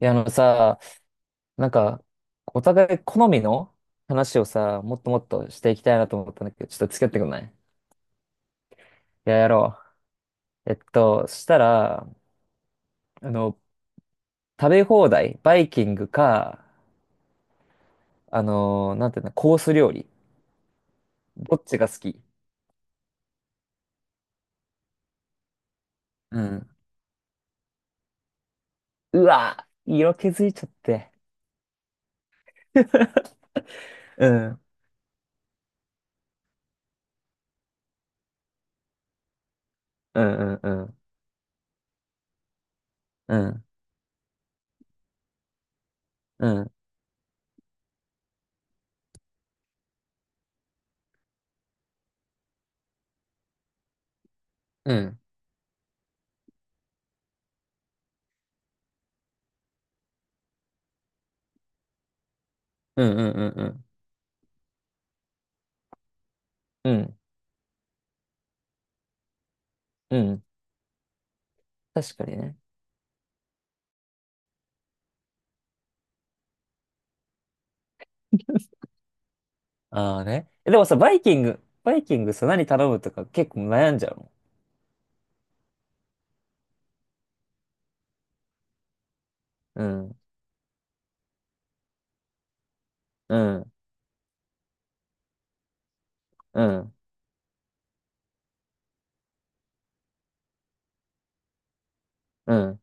いや、あのさ、なんか、お互い好みの話をさ、もっともっとしていきたいなと思ったんだけど、ちょっと付き合ってくんないい？やろう。そしたら、あの、食べ放題、バイキングか、なんていうの、コース料理。どっちが好き？うん。うわ、色気づいちゃって。うん。うんうんうん。うん。うん。うん。うんうんうんうん。うん。うん。確かにね。ああね。でもさ、バイキングさ、何頼むとか結構悩んじゃうの？うん、うん、うん、うん。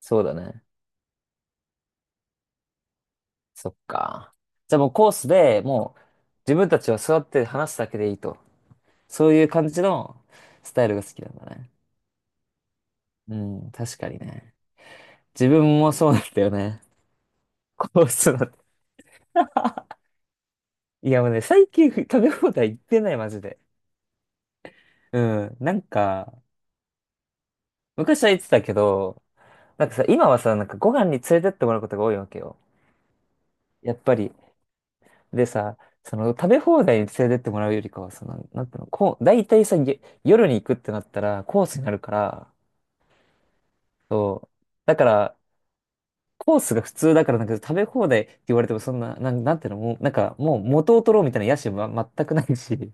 そうだね。そっか。じゃあもうコースでもう自分たちは座って話すだけでいいと。そういう感じのスタイルが好きなんだね。うん、確かにね。自分もそうなんだよね。コースだって。いやもうね、最近食べ放題行ってない、マジで。うん、なんか、昔は行ってたけど、なんかさ、今はさ、なんかご飯に連れてってもらうことが多いわけよ。やっぱり。でさ、その食べ放題に連れてってもらうよりかは、その、なんていうの、こう、大体さ、夜に行くってなったらコースになるから、そう。だから、コースが普通だから、なんか食べ放題って言われてもそんな、なんていうの、もう、なんかもう元を取ろうみたいな野心は全くないし。い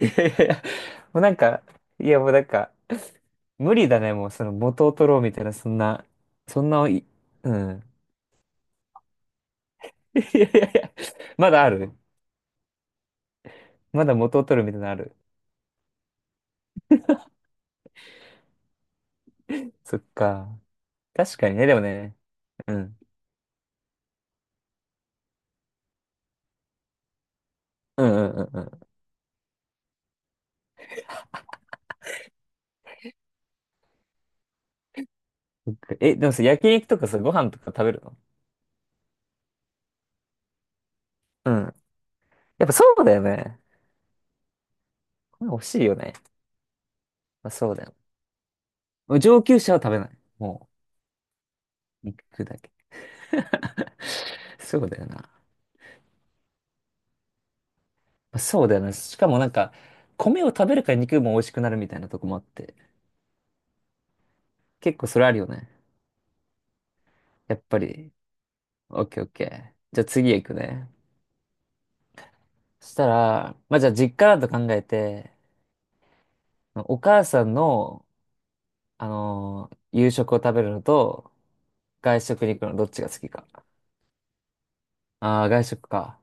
やいやいや、もうなんか、いやもうなんか、無理だね、もうその元を取ろうみたいな、そんな、そんな、うん。いやいやいや、まだある。まだ元を取るみたいなのある。そっか。確かにね、でもね。うん。うんうんうんうん。そっか。でもさ、焼肉とかさ、ご飯とか食べるの？うん。やっぱそうだよね。これ欲しいよね。まあ、そうだよ。もう上級者は食べない。もう、肉だけ。そうだよな。まあ、そうだよな。しかもなんか、米を食べるから肉も美味しくなるみたいなとこもあって。結構それあるよね。やっぱり。オッケーオッケー。じゃあ次へ行くね。そしたら、まあじゃあ実家だと考えて、お母さんの夕食を食べるのと、外食に行くのどっちが好きか？ああ、外食か。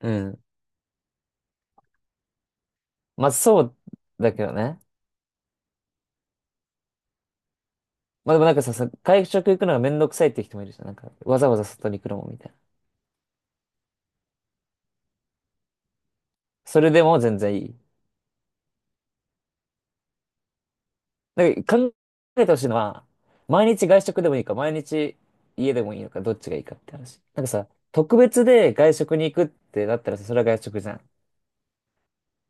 うん。まあ、そうだけどね。まあ、でもなんかさ、外食行くのがめんどくさいって人もいるじゃん。なんか、わざわざ外に行くのもみたいな。それでも全然いい。なんか、考えてほしいのは、毎日外食でもいいか、毎日家でもいいのか、どっちがいいかって話。なんかさ、特別で外食に行くってなったらさ、それは外食じゃん。だ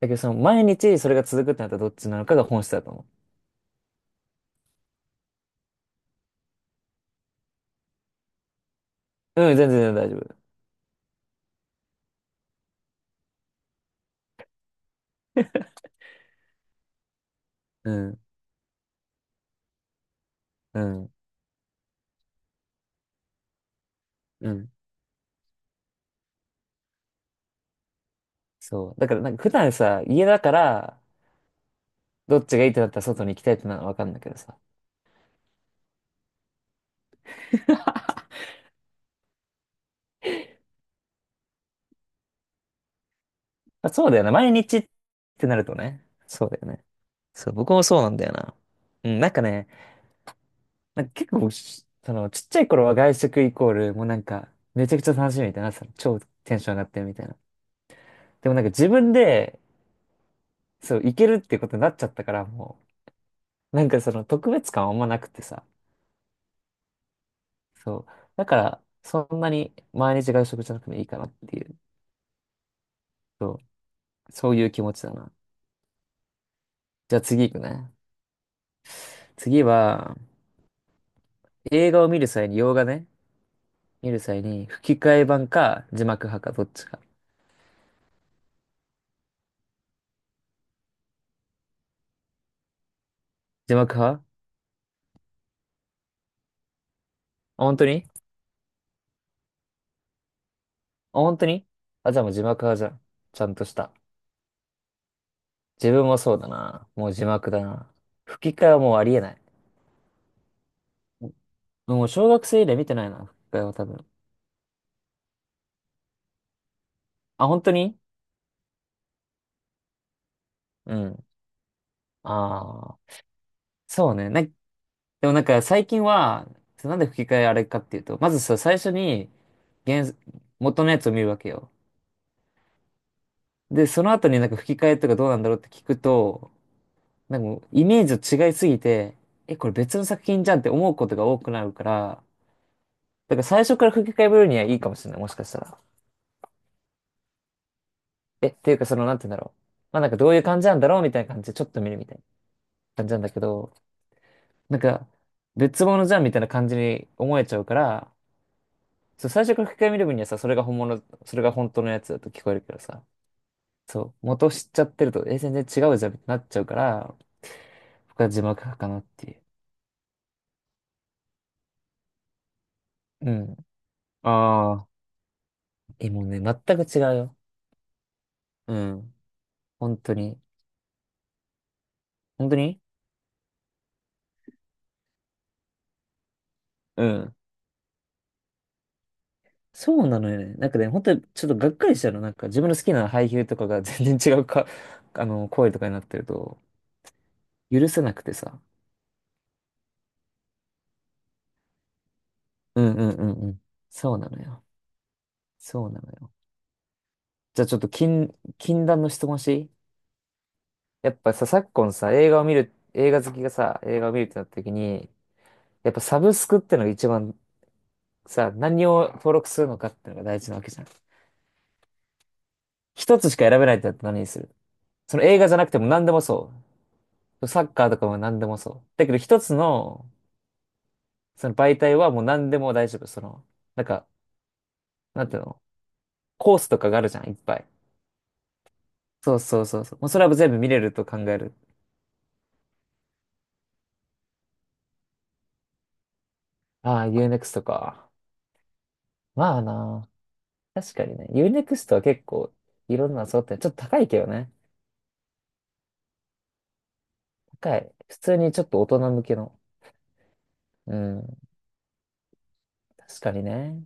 けど、その、毎日それが続くってなったらどっちなのかが本質だと思う。うん、全然全然大丈夫。うん。うん。うん。そう。だから、なんか普段さ、家だから、どっちがいいってなったら外に行きたいってなのはわかんだけどさ。あ、そうだよね。毎日ってなるとね。そうだよね。そう、僕もそうなんだよな。うん、なんかね、なんか結構その、ちっちゃい頃は外食イコール、もうなんか、めちゃくちゃ楽しみみたいな、その超テンション上がってるみたいな。でもなんか自分で、そう、行けるってことになっちゃったから、もう、なんかその特別感はあんまなくてさ。そう。だから、そんなに毎日外食じゃなくてもいいかなっていう。そう、そういう気持ちだな。じゃあ次行くね。次は、映画を見る際に、洋画ね、見る際に、吹き替え版か字幕派か、どっちか？字幕派？あ、本当に？あ、本当に？あ、じゃあもう字幕派じゃん。ちゃんとした。自分もそうだな。もう字幕だな。吹き替えはもうありえない。もう小学生以来見てないな、吹き替えは多分。あ、本当に？うん。ああ、そうね。でもなんか最近は、なんで吹き替えあれかっていうと、まずさ、最初に原、元のやつを見るわけよ。で、その後になんか吹き替えとかどうなんだろうって聞くと、なんかもうイメージと違いすぎて、え、これ別の作品じゃんって思うことが多くなるから、だから最初から吹き替えぶるにはいいかもしれない、もしかしたら。え、っていうかその、なんて言うんだろう。まあなんかどういう感じなんだろうみたいな感じでちょっと見るみたいな感じなんだけど、なんか別物じゃんみたいな感じに思えちゃうから、そう、最初から吹き替え見る分にはさ、それが本物、それが本当のやつだと聞こえるけどさ、そう、元を知っちゃってると、え、全然違うじゃんってなっちゃうから、僕は字幕派かなっていう。うん。ああ、え、もうね、全く違うよ。うん。本当に。本当に。うん。そうなのよね。なんかね、本当にちょっとがっかりしたの。なんか自分の好きな俳優とかが全然違うか、声とかになってると、許せなくてさ。うんうんうんうん。そうなのよ。そうなのよ。じゃあちょっと禁断の質問していい？やっぱさ、昨今さ、映画を見る、映画好きがさ、映画を見るってなった時に、やっぱサブスクってのが一番さ、何を登録するのかってのが大事なわけじゃん。一つしか選べないってなったら何にする？その映画じゃなくても何でもそう。サッカーとかも何でもそう。だけど一つの、その媒体はもう何でも大丈夫。その、なんか、なんていうの、コースとかがあるじゃん、いっぱい。そうそうそうそう。もうそれは全部見れると考える。ああ、UNEXT か。まあな。確かにね。u n ク x トは結構いろんなの揃ってる、ちょっと高いけどね。高い。普通にちょっと大人向けの。うん。確かにね。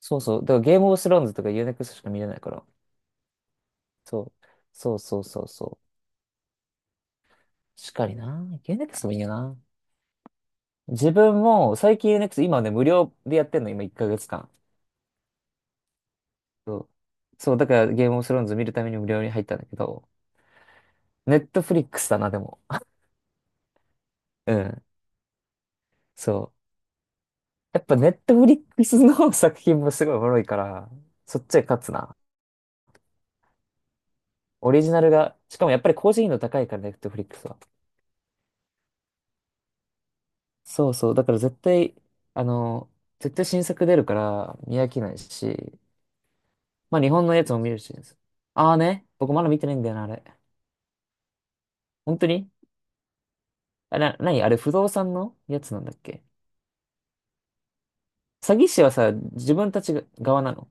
そうそう。だからゲームオブスローンズとか u n ク x トしか見れないから。そう。そうそうそうそう。っかりな。Unext もいいよな。自分も、最近 u n e x 今ね、無料でやってんの、今1ヶ月間。そう、そうだからゲームオブスローンズ見るために無料に入ったんだけど、ネットフリックスだな、でも。うん。そう。やっぱネットフリックスの 作品もすごいおもろいから、そっちで勝つな。オリジナルが、しかもやっぱり高頻度高いから、ネットフリックスは。そうそう。だから絶対、あの、絶対新作出るから見飽きないし、まあ日本のやつも見るし。ああね、僕まだ見てないんだよな、あれ。本当に？なにあれ、不動産のやつなんだっけ？詐欺師はさ、自分たちが側なの？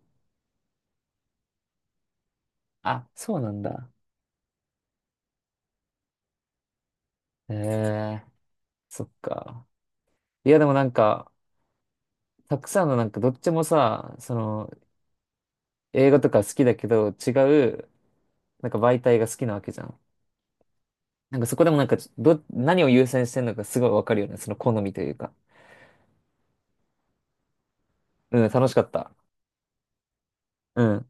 あ、そうなんだ。へえ、そっか。いや、でもなんか、たくさんのなんか、どっちもさ、その、映画とか好きだけど、違う、なんか媒体が好きなわけじゃん。なんかそこでもなんか、何を優先してんのかすごいわかるよね。その好みというか。うん、楽しかった。うん。